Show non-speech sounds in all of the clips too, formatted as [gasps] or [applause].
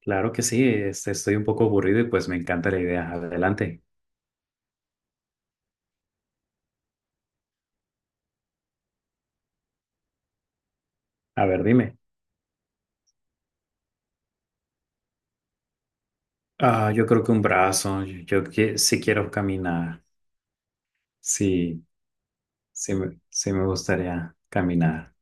Claro que sí, este, estoy un poco aburrido y pues me encanta la idea. Adelante. A ver, dime. Ah, yo creo que un brazo. Yo, que sí quiero caminar. Sí, sí, sí me gustaría caminar.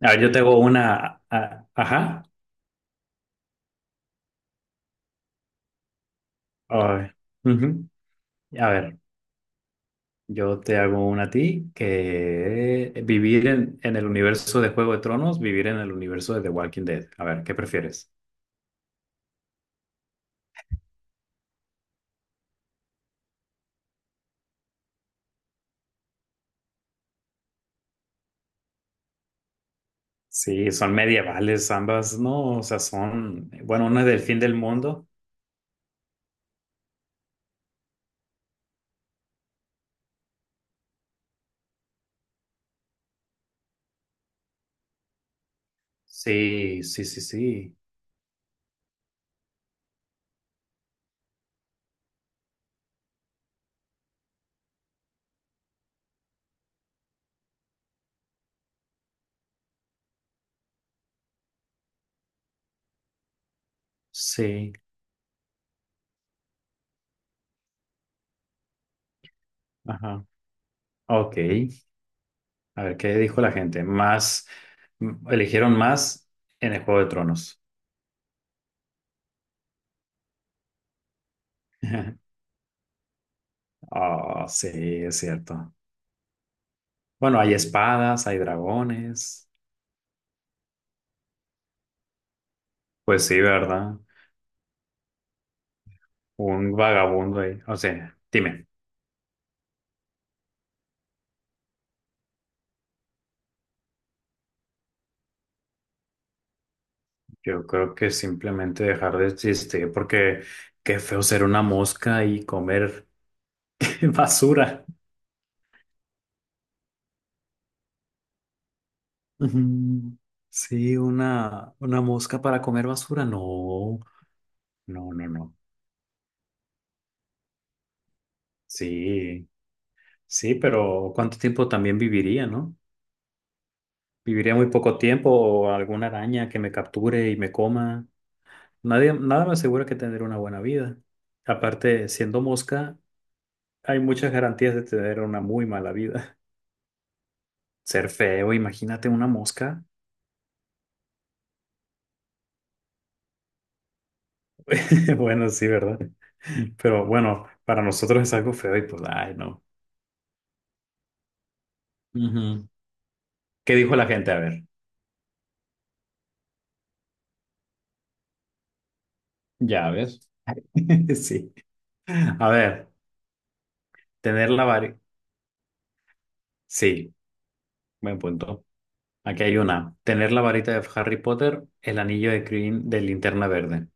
A ver, yo te hago una. Ajá. Ay, ujú. A ver, yo te hago una a ti: que vivir en el universo de Juego de Tronos, vivir en el universo de The Walking Dead. A ver, ¿qué prefieres? Sí, son medievales ambas, ¿no? O sea, son, bueno, una es del fin del mundo. Sí, sí, sí, sí. Sí. Ajá. Ok. A ver, ¿qué dijo la gente? Más, eligieron más en el Juego de Tronos. [laughs] Oh, sí, es cierto. Bueno, hay espadas, hay dragones. Pues sí, ¿verdad? Un vagabundo ahí. O sea, dime. Yo creo que simplemente dejar de existir porque qué feo ser una mosca y comer [laughs] basura. Ujú. Sí, una mosca para comer basura. No, no, no, no. Sí, sí, pero ¿cuánto tiempo también viviría, no? Viviría muy poco tiempo o alguna araña que me capture y me coma. Nadie, nada me asegura que tendré una buena vida. Aparte, siendo mosca, hay muchas garantías de tener una muy mala vida. [laughs] Ser feo, imagínate una mosca. [laughs] Bueno, sí, ¿verdad? Pero bueno, para nosotros es algo feo y pues, ay, no. Ujú. ¿Qué dijo la gente? A ver. Ya ves. [laughs] Sí. A ver, tener la varita. Sí, buen punto. Aquí hay una. Tener la varita de Harry Potter, el anillo de Green de Linterna Verde.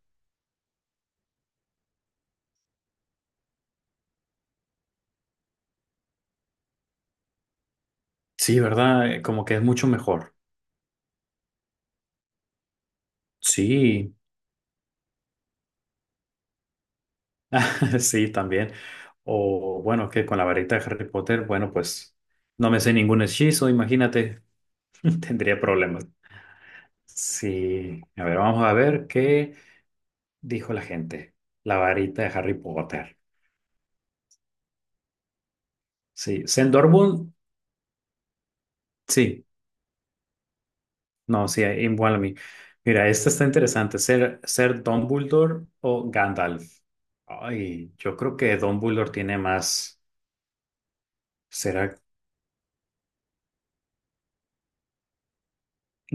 Sí, ¿verdad? Como que es mucho mejor. Sí, [laughs] sí, también. O bueno, que con la varita de Harry Potter, bueno, pues no me sé ningún hechizo, imagínate. [laughs] Tendría problemas. Sí. A ver, vamos a ver qué dijo la gente. La varita de Harry Potter. Sí. Sendorbook. Sí. No, sí, igual a mí. Mira, esta está interesante. ¿Ser Dumbledore o Gandalf? Ay, yo creo que Dumbledore tiene más. ¿Será?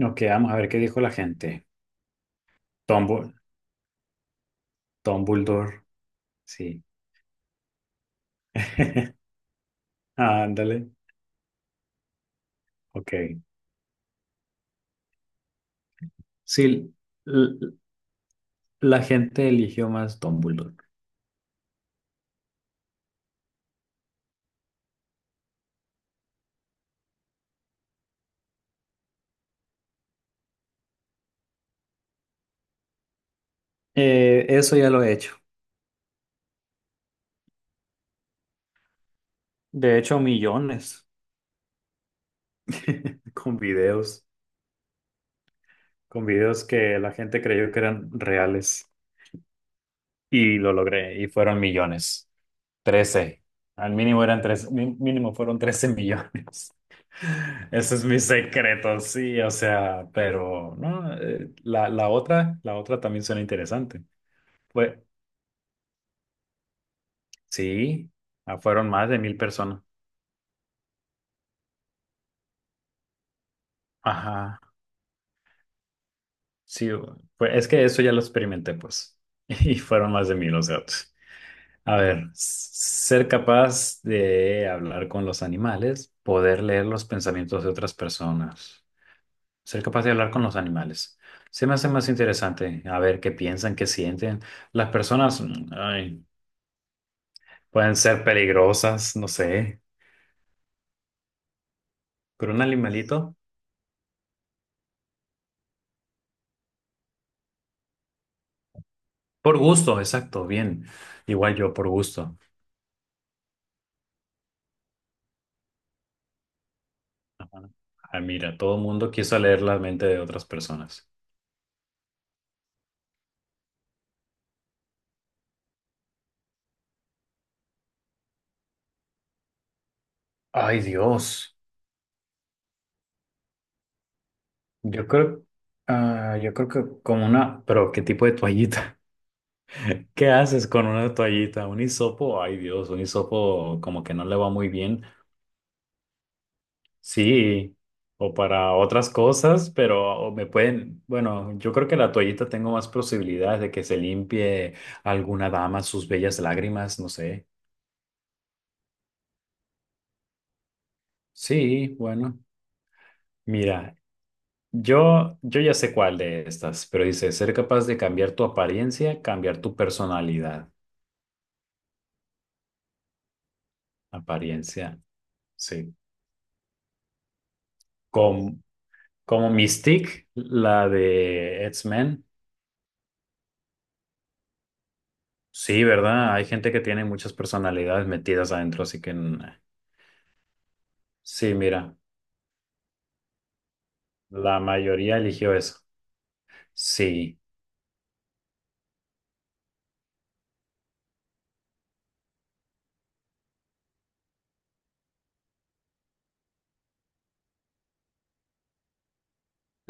Ok, vamos a ver qué dijo la gente. Dumbo- Dumbledore, sí. [laughs] Ándale. Ok. Sí, l- la gente eligió más Dumbledore. Eso ya lo he hecho. De hecho, millones. [laughs] Con videos. Con videos que la gente creyó que eran reales. Y lo logré, y fueron millones. Trece Al mínimo eran tres, mínimo fueron 13 millones. [laughs] Ese es mi secreto, sí, o sea, pero no, la otra, la otra también suena interesante. Fue, sí, ah, fueron más de 1000 personas. Ajá, sí, es que eso ya lo experimenté, pues, [laughs] y fueron más de 1000, o sea, pues. A ver, ser capaz de hablar con los animales, poder leer los pensamientos de otras personas. Ser capaz de hablar con los animales. Se me hace más interesante a ver qué piensan, qué sienten. Las personas, mm, ay, pueden ser peligrosas, no sé, pero un animalito, por gusto, exacto, bien. Igual yo, por gusto. Ah, mira, todo el mundo quiso leer la mente de otras personas. Ay, Dios. Yo creo, ah, yo creo que con una, pero ¿qué tipo de toallita? [laughs] ¿Qué haces con una toallita? Un hisopo, ay Dios, un hisopo como que no le va muy bien. Sí, o para otras cosas, pero o me pueden, bueno, yo creo que la toallita tengo más posibilidades de que se limpie alguna dama sus bellas lágrimas, no sé. Sí, bueno, mira, yo ya sé cuál de estas, pero dice, ser capaz de cambiar tu apariencia, cambiar tu personalidad. Apariencia, sí. Como, como Mystique, la de X-Men. Sí, ¿verdad? Hay gente que tiene muchas personalidades metidas adentro, así que... mm, sí, mira. La mayoría eligió eso. Sí.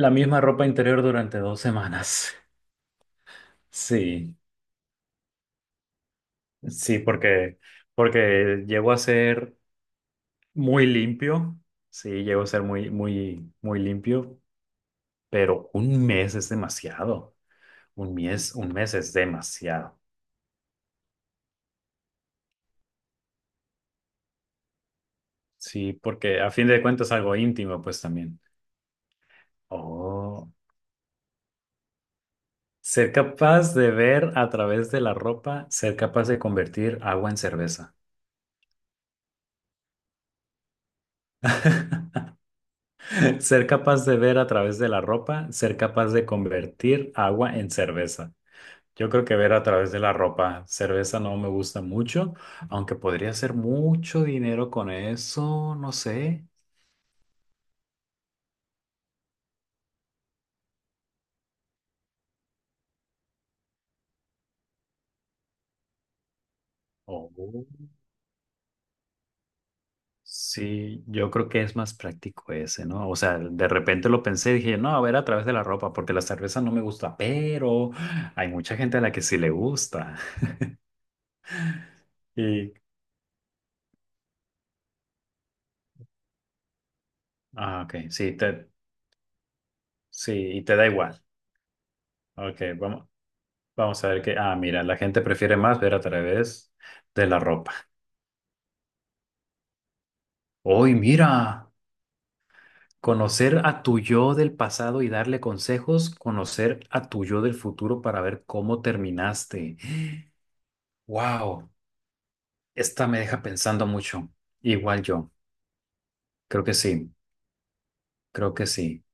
La misma ropa interior durante dos semanas. [laughs] Sí. Sí, porque, porque llegó a ser muy limpio. Sí, llegó a ser muy, muy, muy limpio. Pero un mes es demasiado. Un mes es demasiado. Sí, porque a fin de cuentas es algo íntimo, pues también. Oh. Ser capaz de ver a través de la ropa, ser capaz de convertir agua en cerveza. [laughs] Ser capaz de ver a través de la ropa, ser capaz de convertir agua en cerveza. Yo creo que ver a través de la ropa, cerveza no me gusta mucho, aunque podría hacer mucho dinero con eso, no sé. Oh, sí, yo creo que es más práctico ese, ¿no? O sea, de repente lo pensé, y dije, no, a ver a través de la ropa, porque la cerveza no me gusta, pero hay mucha gente a la que sí le gusta. [laughs] Y, ah, ok, sí, te, sí, y te da igual. Ok, vamos. Vamos a ver qué. Ah, mira, la gente prefiere más ver a través de la ropa. Hoy, mira, conocer a tu yo del pasado y darle consejos, conocer a tu yo del futuro para ver cómo terminaste. [gasps] Wow, esta me deja pensando mucho. Igual yo, creo que sí, creo que sí.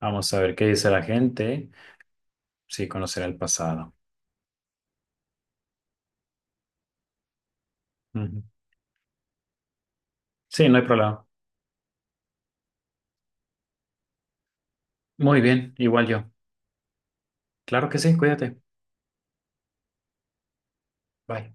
Vamos a ver qué dice la gente. Sí, conocer el pasado. Ujú. Sí, no hay problema. Muy bien, igual yo. Claro que sí, cuídate. Bye.